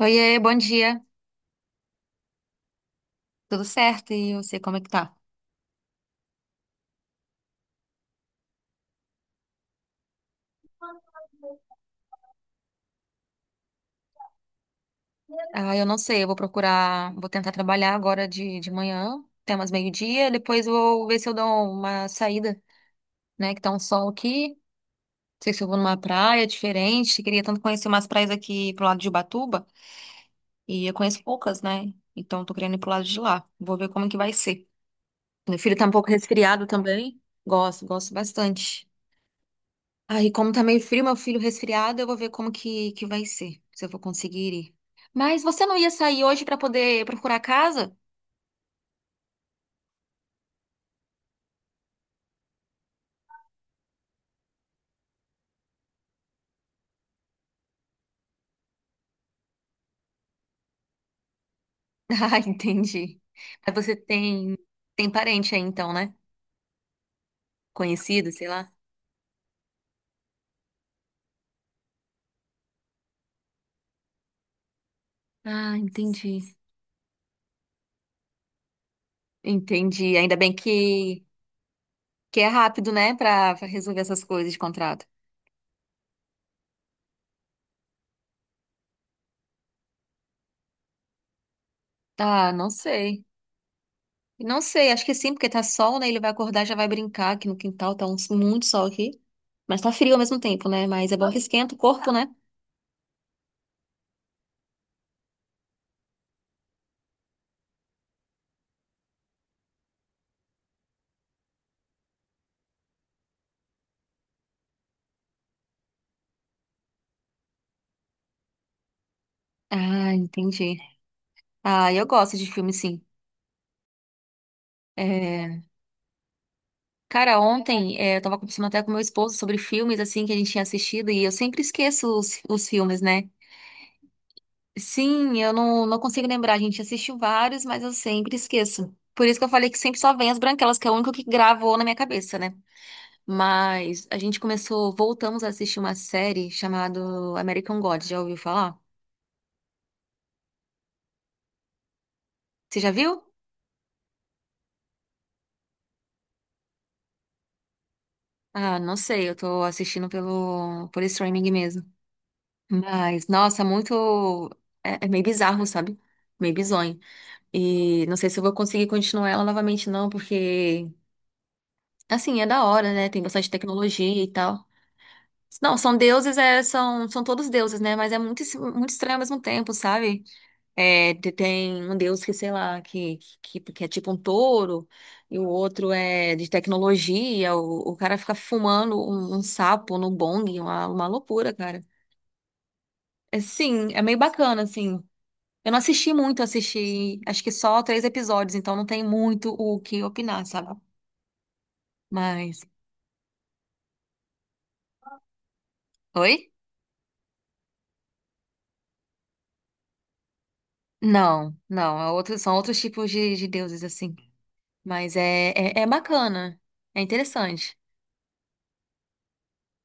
Oiê, bom dia. Tudo certo? E você, como é que tá? Ah, eu não sei, eu vou procurar, vou tentar trabalhar agora de manhã, até umas meio-dia, depois eu vou ver se eu dou uma saída, né, que tá um sol aqui. Não sei se eu vou numa praia diferente, queria tanto conhecer umas praias aqui pro lado de Ubatuba, e eu conheço poucas, né? Então tô querendo ir pro lado de lá. Vou ver como que vai ser. Meu filho tá um pouco resfriado também. Gosto, gosto bastante. Aí, como tá meio frio, meu filho resfriado, eu vou ver como que vai ser, se eu vou conseguir ir. Mas você não ia sair hoje pra poder procurar casa? Ah, entendi. Mas você tem tem parente aí então, né? Conhecido, sei lá. Ah, entendi. Entendi. Ainda bem que é rápido, né, pra pra resolver essas coisas de contrato. Ah, não sei. Não sei, acho que sim, porque tá sol, né? Ele vai acordar, já vai brincar aqui no quintal, tá muito sol aqui. Mas tá frio ao mesmo tempo, né? Mas é bom que esquenta o corpo, né? Ah, entendi. Ah, eu gosto de filme, sim. É, cara, ontem eu tava conversando até com meu esposo sobre filmes, assim, que a gente tinha assistido, e eu sempre esqueço os filmes, né? Sim, eu não consigo lembrar. A gente assistiu vários, mas eu sempre esqueço. Por isso que eu falei que sempre só vem As Branquelas, que é o único que gravou na minha cabeça, né? Mas a gente começou, voltamos a assistir uma série chamada American God. Já ouviu falar? Você já viu? Ah, não sei, eu tô assistindo por streaming mesmo. Mas, nossa, muito. É, é meio bizarro, sabe? Meio bizonho. E não sei se eu vou conseguir continuar ela novamente, não, porque, assim, é da hora, né? Tem bastante tecnologia e tal. Não, são deuses, é, são, são todos deuses, né? Mas é muito, muito estranho ao mesmo tempo, sabe? É, tem um deus que, sei lá, que é tipo um touro, e o outro é de tecnologia, o cara fica fumando um, um sapo no bong, uma loucura, cara. É, sim, é meio bacana, assim. Eu não assisti muito, assisti acho que só três episódios, então não tem muito o que opinar, sabe? Mas. Oi? Não, não, é outro, são outros tipos de deuses, assim. Mas é bacana, é interessante.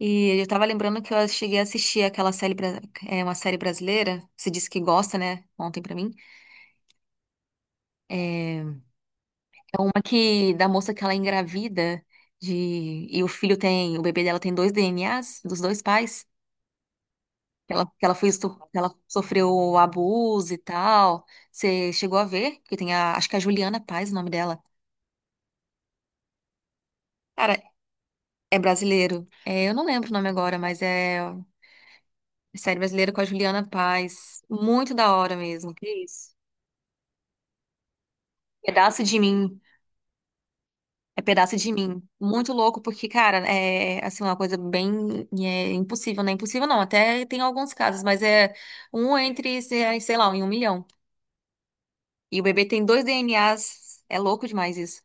E eu tava lembrando que eu cheguei a assistir aquela série, é uma série brasileira, você disse que gosta, né? Ontem pra mim. É, é uma que, da moça que ela é engravida de, e o filho tem, o bebê dela tem dois DNAs dos dois pais. Que ela, que ela foi, que ela sofreu abuso e tal. Você chegou a ver? Que tem a, acho que é a Juliana Paz, o nome dela. Cara, é brasileiro. É, eu não lembro o nome agora, mas é série brasileira com a Juliana Paz. Muito da hora mesmo. Que isso? Pedaço de mim. É Pedaço de Mim. Muito louco, porque, cara, é assim, uma coisa bem impossível, né? Impossível não, até tem alguns casos, mas é um entre, sei lá, em um milhão. E o bebê tem dois DNAs. É louco demais isso.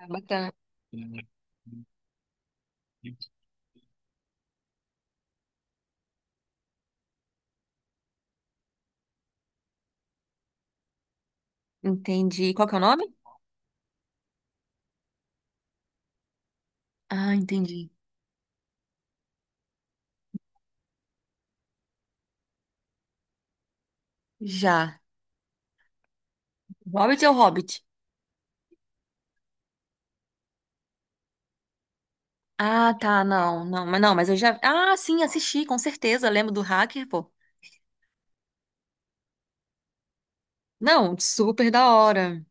É bacana. Entendi. Qual que é o nome? Ah, entendi. Já. Hobbit é o Hobbit. Ah, tá, não, não, mas não, mas eu já. Ah, sim, assisti, com certeza. Lembro do hacker, pô. Não, super da hora.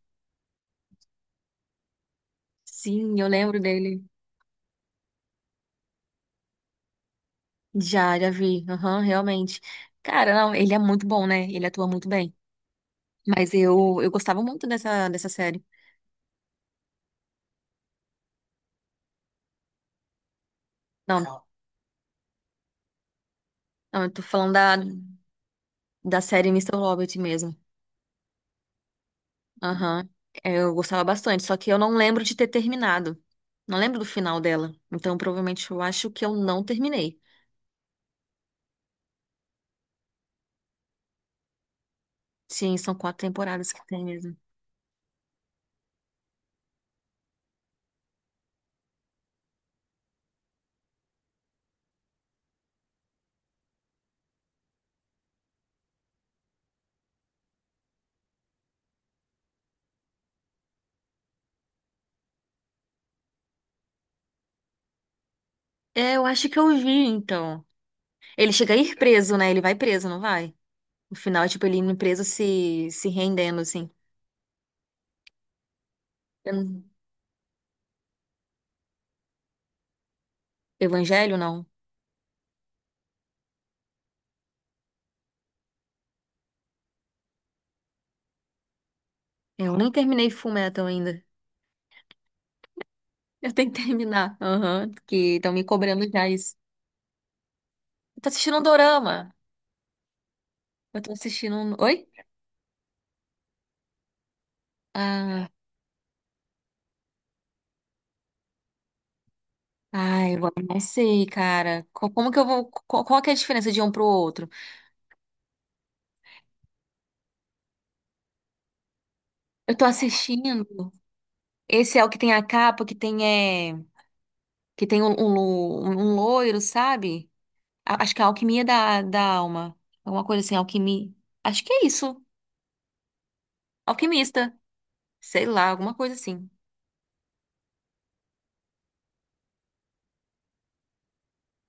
Sim, eu lembro dele. Já, já vi. Aham, realmente. Cara, não, ele é muito bom, né? Ele atua muito bem. Mas eu gostava muito dessa série. Não, não, eu tô falando da série Mister Hobbit mesmo. Aham. É, eu gostava bastante, só que eu não lembro de ter terminado. Não lembro do final dela. Então, provavelmente, eu acho que eu não terminei. Sim, são quatro temporadas que tem mesmo. É, eu acho que eu vi, então. Ele chega a ir preso, né? Ele vai preso, não vai? No final, é tipo, ele indo preso se rendendo, assim. Eu não- Evangelho, não. Eu nem terminei Fullmetal ainda. Eu tenho que terminar. Aham, que estão me cobrando já isso. Eu tô assistindo um dorama. Eu tô assistindo um... Oi? Ah. Ai, agora eu não sei, cara. Como que eu vou. Qual, que é a diferença de um pro outro? Eu tô assistindo. Esse é o que tem a capa, que tem é. Que tem um um loiro, sabe? Acho que é a Alquimia da Alma. Alguma coisa assim, alquimia. Acho que é isso. Alquimista. Sei lá, alguma coisa assim.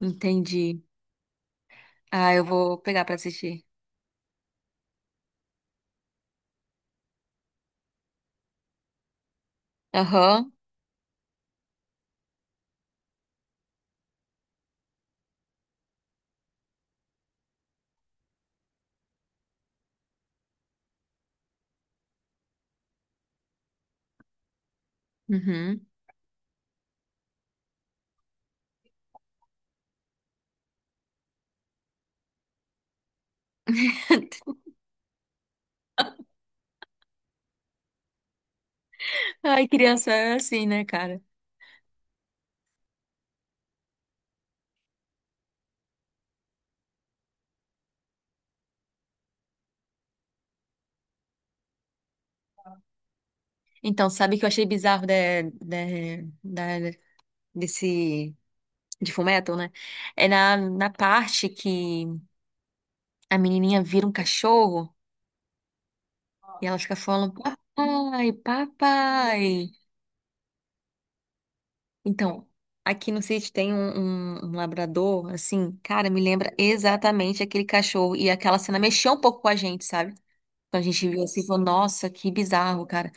Entendi. Ah, eu vou pegar pra assistir. Aham. Uhum. Ai, criança é assim, né, cara? Então, sabe o que eu achei bizarro da, da- desse. De Fullmetal, né? É na parte que a menininha vira um cachorro e ela fica falando, papai, papai. Então, aqui no sítio tem um labrador, assim, cara, me lembra exatamente aquele cachorro. E aquela cena mexeu um pouco com a gente, sabe? Então a gente viu assim e falou, nossa, que bizarro, cara.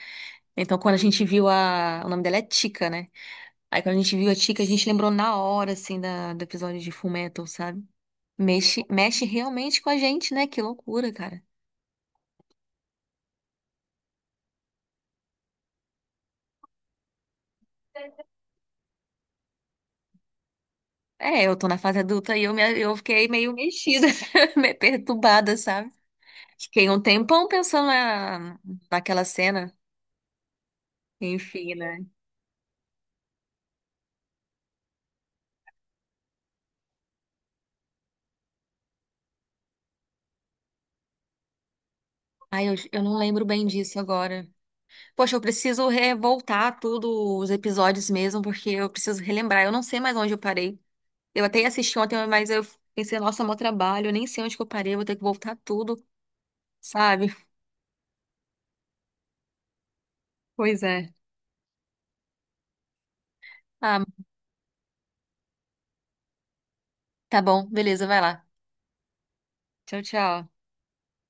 Então quando a gente viu a... O nome dela é Tica, né? Aí quando a gente viu a Tica, a gente lembrou na hora, assim, da... do episódio de Fullmetal, sabe? Mexe, mexe realmente com a gente, né? Que loucura, cara. É, eu tô na fase adulta e eu fiquei meio mexida, meio perturbada, sabe? Fiquei um tempão pensando naquela cena. Enfim, né? Ai, eu não lembro bem disso agora. Poxa, eu preciso revoltar tudo, os episódios mesmo, porque eu preciso relembrar. Eu não sei mais onde eu parei. Eu até assisti ontem, mas eu pensei, nossa, meu trabalho, eu nem sei onde que eu parei, eu vou ter que voltar tudo, sabe? Pois é. Ah, tá bom, beleza, vai lá. Tchau, tchau.